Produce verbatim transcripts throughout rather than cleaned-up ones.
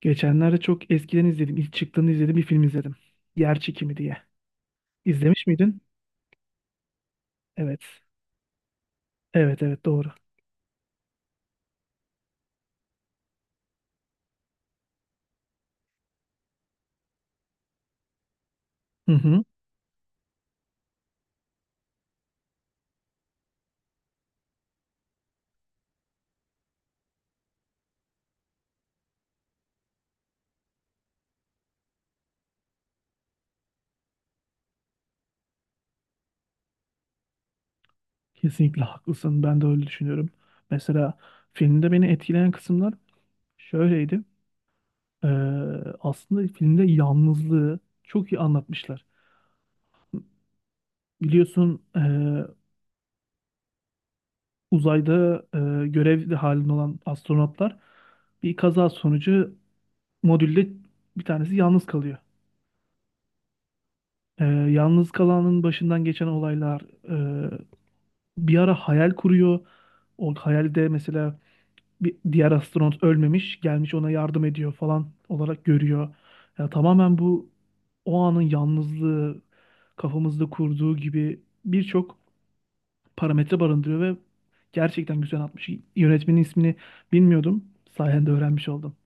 Geçenlerde çok eskiden izledim. İlk çıktığını izlediğim bir film izledim. Yer çekimi diye. İzlemiş miydin? Evet. Evet, evet, doğru. Hı hı. Kesinlikle haklısın. Ben de öyle düşünüyorum. Mesela filmde beni etkileyen kısımlar şöyleydi. Ee, aslında filmde yalnızlığı çok iyi anlatmışlar. Biliyorsun, ee, uzayda ee, görev halinde olan astronotlar, bir kaza sonucu modülde bir tanesi yalnız kalıyor. Ee, yalnız kalanın başından geçen olaylar, e, bir ara hayal kuruyor. O hayalde mesela bir diğer astronot ölmemiş, gelmiş ona yardım ediyor falan olarak görüyor. Ya tamamen bu, o anın yalnızlığı kafamızda kurduğu gibi birçok parametre barındırıyor ve gerçekten güzel atmış. Yönetmenin ismini bilmiyordum. Sayende öğrenmiş oldum.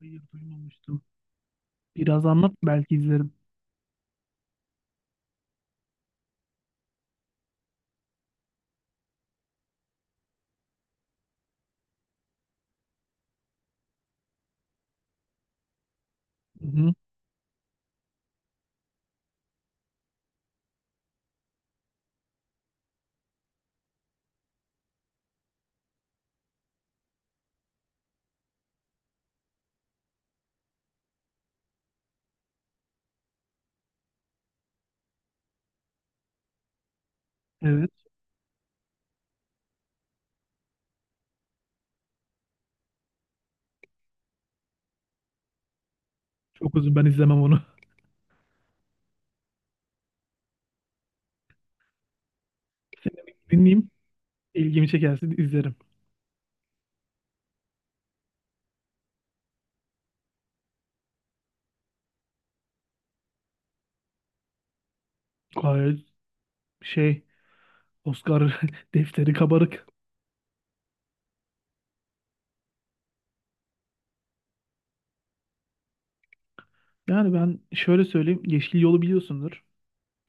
Hayır, duymamıştım. Biraz anlat, belki izlerim. Hı hı. Evet, çok uzun, ben izlemem onu. Dinleyeyim. İlgimi çekerse izlerim. Gayet şey, Oscar defteri kabarık. Yani ben şöyle söyleyeyim, Yeşil Yol'u biliyorsundur.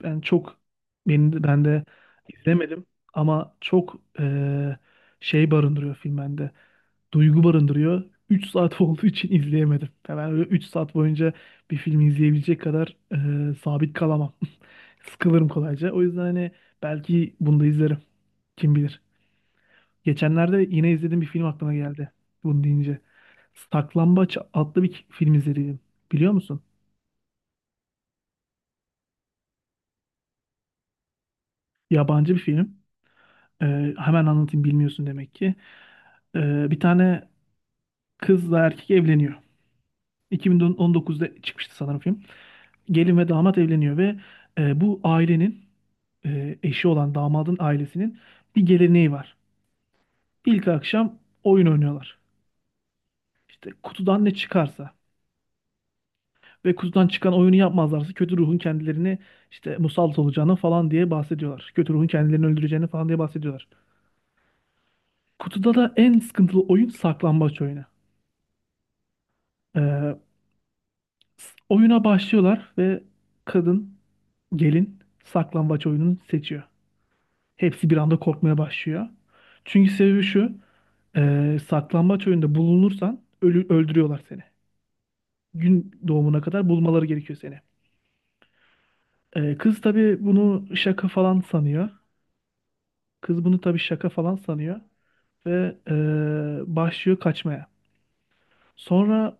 Ben çok beni ben de izlemedim ama çok eee, şey barındırıyor film bende. Duygu barındırıyor. Üç saat olduğu için izleyemedim. Ya, ben öyle üç saat boyunca bir filmi izleyebilecek kadar eee, sabit kalamam. Sıkılırım kolayca. O yüzden hani belki bunu da izlerim. Kim bilir. Geçenlerde yine izlediğim bir film aklıma geldi bunu deyince. Saklambaç adlı bir film izledim. Biliyor musun? Yabancı bir film. Ee, hemen anlatayım, bilmiyorsun demek ki. Ee, bir tane kızla erkek evleniyor. iki bin on dokuzda çıkmıştı sanırım film. Gelin ve damat evleniyor ve e, bu ailenin, e, eşi olan damadın ailesinin bir geleneği var. İlk akşam oyun oynuyorlar. İşte, kutudan ne çıkarsa. Ve kutudan çıkan oyunu yapmazlarsa kötü ruhun kendilerini işte musallat olacağını falan diye bahsediyorlar. Kötü ruhun kendilerini öldüreceğini falan diye bahsediyorlar. Kutuda da en sıkıntılı oyun saklambaç oyunu. Ee, s- oyuna başlıyorlar ve kadın, gelin, saklambaç oyununu seçiyor. Hepsi bir anda korkmaya başlıyor. Çünkü sebebi şu: Ee, saklambaç oyunda bulunursan ölü, öldürüyorlar seni. Gün doğumuna kadar bulmaları gerekiyor seni. Ee, kız tabii bunu şaka falan sanıyor. Kız bunu tabii şaka falan sanıyor ve eee, başlıyor kaçmaya. Sonra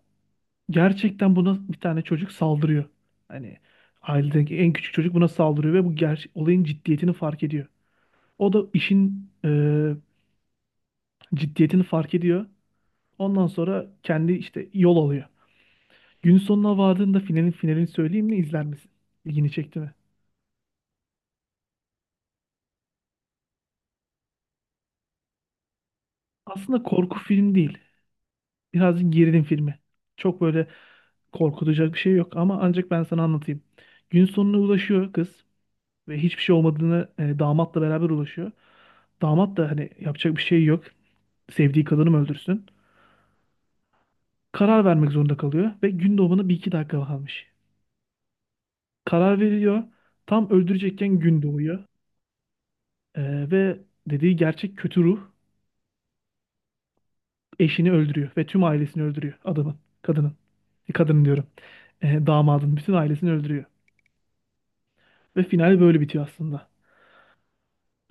gerçekten buna bir tane çocuk saldırıyor. Hani, ailedeki en küçük çocuk buna saldırıyor ve bu ger olayın ciddiyetini fark ediyor. O da işin eee, ciddiyetini fark ediyor. Ondan sonra kendi işte yol alıyor. Gün sonuna vardığında, finalin finalini söyleyeyim mi, izler misin? İlgini çekti mi? Aslında korku film değil. Birazcık gerilim filmi. Çok böyle korkutacak bir şey yok ama ancak ben sana anlatayım. Gün sonuna ulaşıyor kız ve hiçbir şey olmadığını, e, damatla beraber ulaşıyor. Damat da hani yapacak bir şey yok. Sevdiği kadını mı öldürsün? Karar vermek zorunda kalıyor ve gün doğumuna bir iki dakika kalmış. Karar veriyor. Tam öldürecekken gün doğuyor. E, ve dediği gerçek kötü ruh, eşini öldürüyor ve tüm ailesini öldürüyor adamın, kadının. e, Kadının diyorum. E, damadın bütün ailesini öldürüyor. Ve final böyle bitiyor aslında.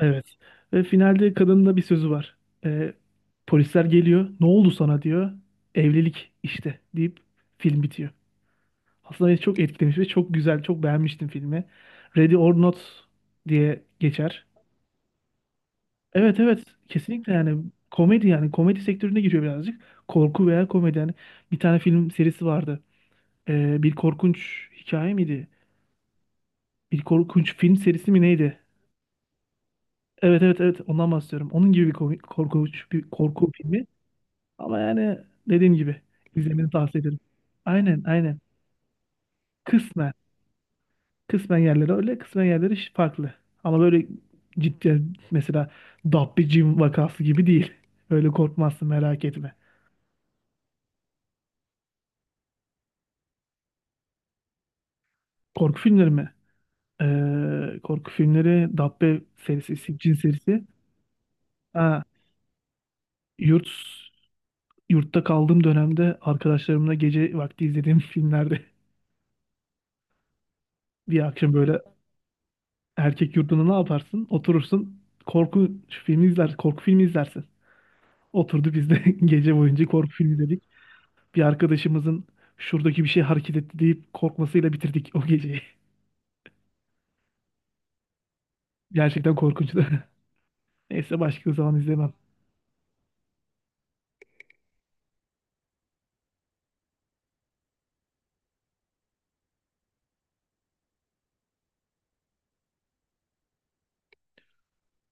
Evet. Ve finalde kadının da bir sözü var. Ee, polisler geliyor. "Ne oldu sana?" diyor. "Evlilik işte," deyip film bitiyor. Aslında beni çok etkilemiş ve çok güzel, çok beğenmiştim filmi. Ready or Not diye geçer. Evet, evet, kesinlikle. Yani komedi, yani komedi sektörüne giriyor birazcık. Korku veya komedi, yani bir tane film serisi vardı. Ee, bir korkunç hikaye miydi? Bir korkunç film serisi mi neydi? Evet, evet, evet, ondan bahsediyorum. Onun gibi bir ko- korkunç bir korku filmi. Ama yani dediğim gibi, izlemeni tavsiye ederim. Aynen, aynen. Kısmen. Kısmen yerleri öyle, kısmen yerleri ş- farklı. Ama böyle ciddi, mesela Dabbe Jim vakası gibi değil. Öyle korkmazsın, merak etme. Korku filmleri mi? Ee, korku filmleri: Dabbe serisi, Siccin serisi. Ha, yurt yurtta kaldığım dönemde arkadaşlarımla gece vakti izlediğim filmlerde, bir akşam böyle. Erkek yurdunda ne yaparsın? Oturursun, korku filmi izler, korku filmi izlersin. Oturdu biz de gece boyunca korku filmi izledik. Bir arkadaşımızın "şuradaki bir şey hareket etti" deyip korkmasıyla bitirdik o geceyi. Gerçekten korkunçtu. Neyse, başka zaman izlemem.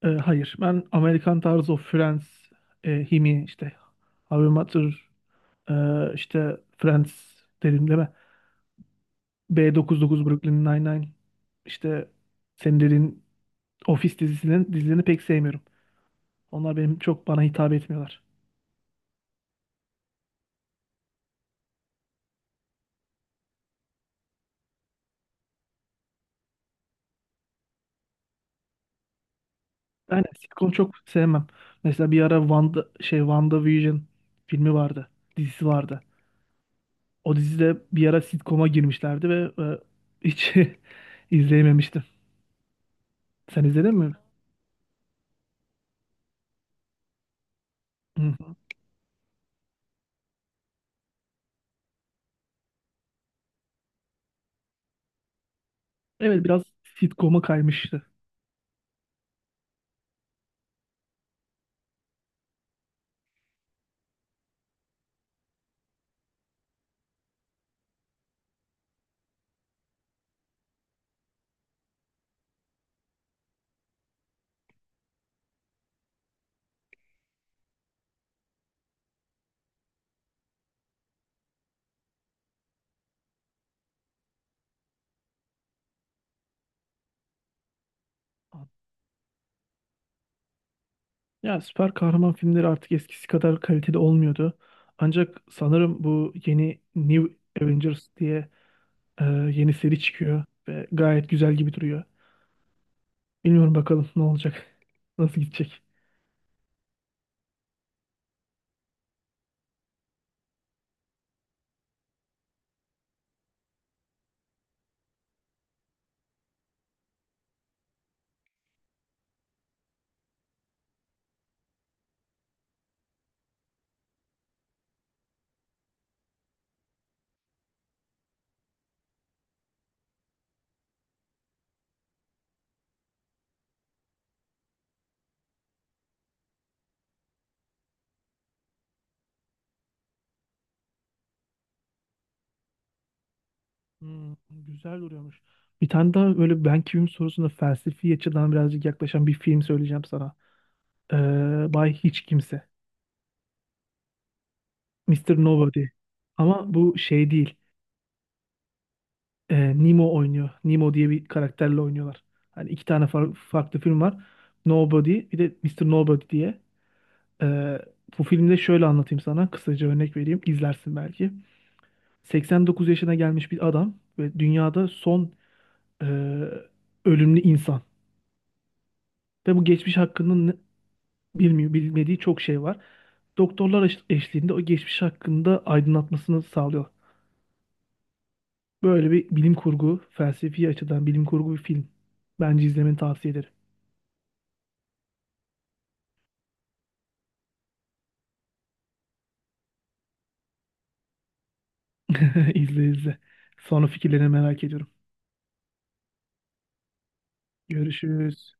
Ee, hayır, ben Amerikan tarzı o Friends, e, Himi işte How I Met Your, e, işte Friends dedim, değil mi? B doksan dokuz, Brooklyn Nine-Nine, işte senin dediğin Office dizisinin dizilerini pek sevmiyorum. Onlar benim çok, bana hitap etmiyorlar. Yani sitcom çok sevmem. Mesela bir ara Wanda, şey WandaVision filmi vardı. Dizisi vardı. O dizide bir ara sitcom'a girmişlerdi ve e, hiç izleyememiştim. Sen izledin mi? Hı-hı. Evet, biraz sitcom'a kaymıştı. Ya, süper kahraman filmleri artık eskisi kadar kaliteli olmuyordu. Ancak sanırım bu yeni New Avengers diye e, yeni seri çıkıyor ve gayet güzel gibi duruyor. Bilmiyorum, bakalım ne olacak, nasıl gidecek. Hmm, güzel duruyormuş. Bir tane daha böyle, "ben kimim?" sorusuna felsefi açıdan birazcık yaklaşan bir film söyleyeceğim sana. Ee, Bay Hiç Kimse. Mister Nobody. Ama bu şey değil. Ee, Nemo oynuyor. Nemo diye bir karakterle oynuyorlar. Hani iki tane far- farklı film var: Nobody bir de Mister Nobody diye. Ee, bu filmde şöyle anlatayım sana. Kısaca örnek vereyim, İzlersin belki. seksen dokuz yaşına gelmiş bir adam ve dünyada son e, ölümlü insan. Ve bu geçmiş hakkında bilmiyor, bilmediği çok şey var. Doktorlar eş- eşliğinde o geçmiş hakkında aydınlatmasını sağlıyor. Böyle bir bilim kurgu, felsefi açıdan bilim kurgu bir film. Bence izlemeni tavsiye ederim. İzle, izle. Sonra fikirlerini merak ediyorum. Görüşürüz.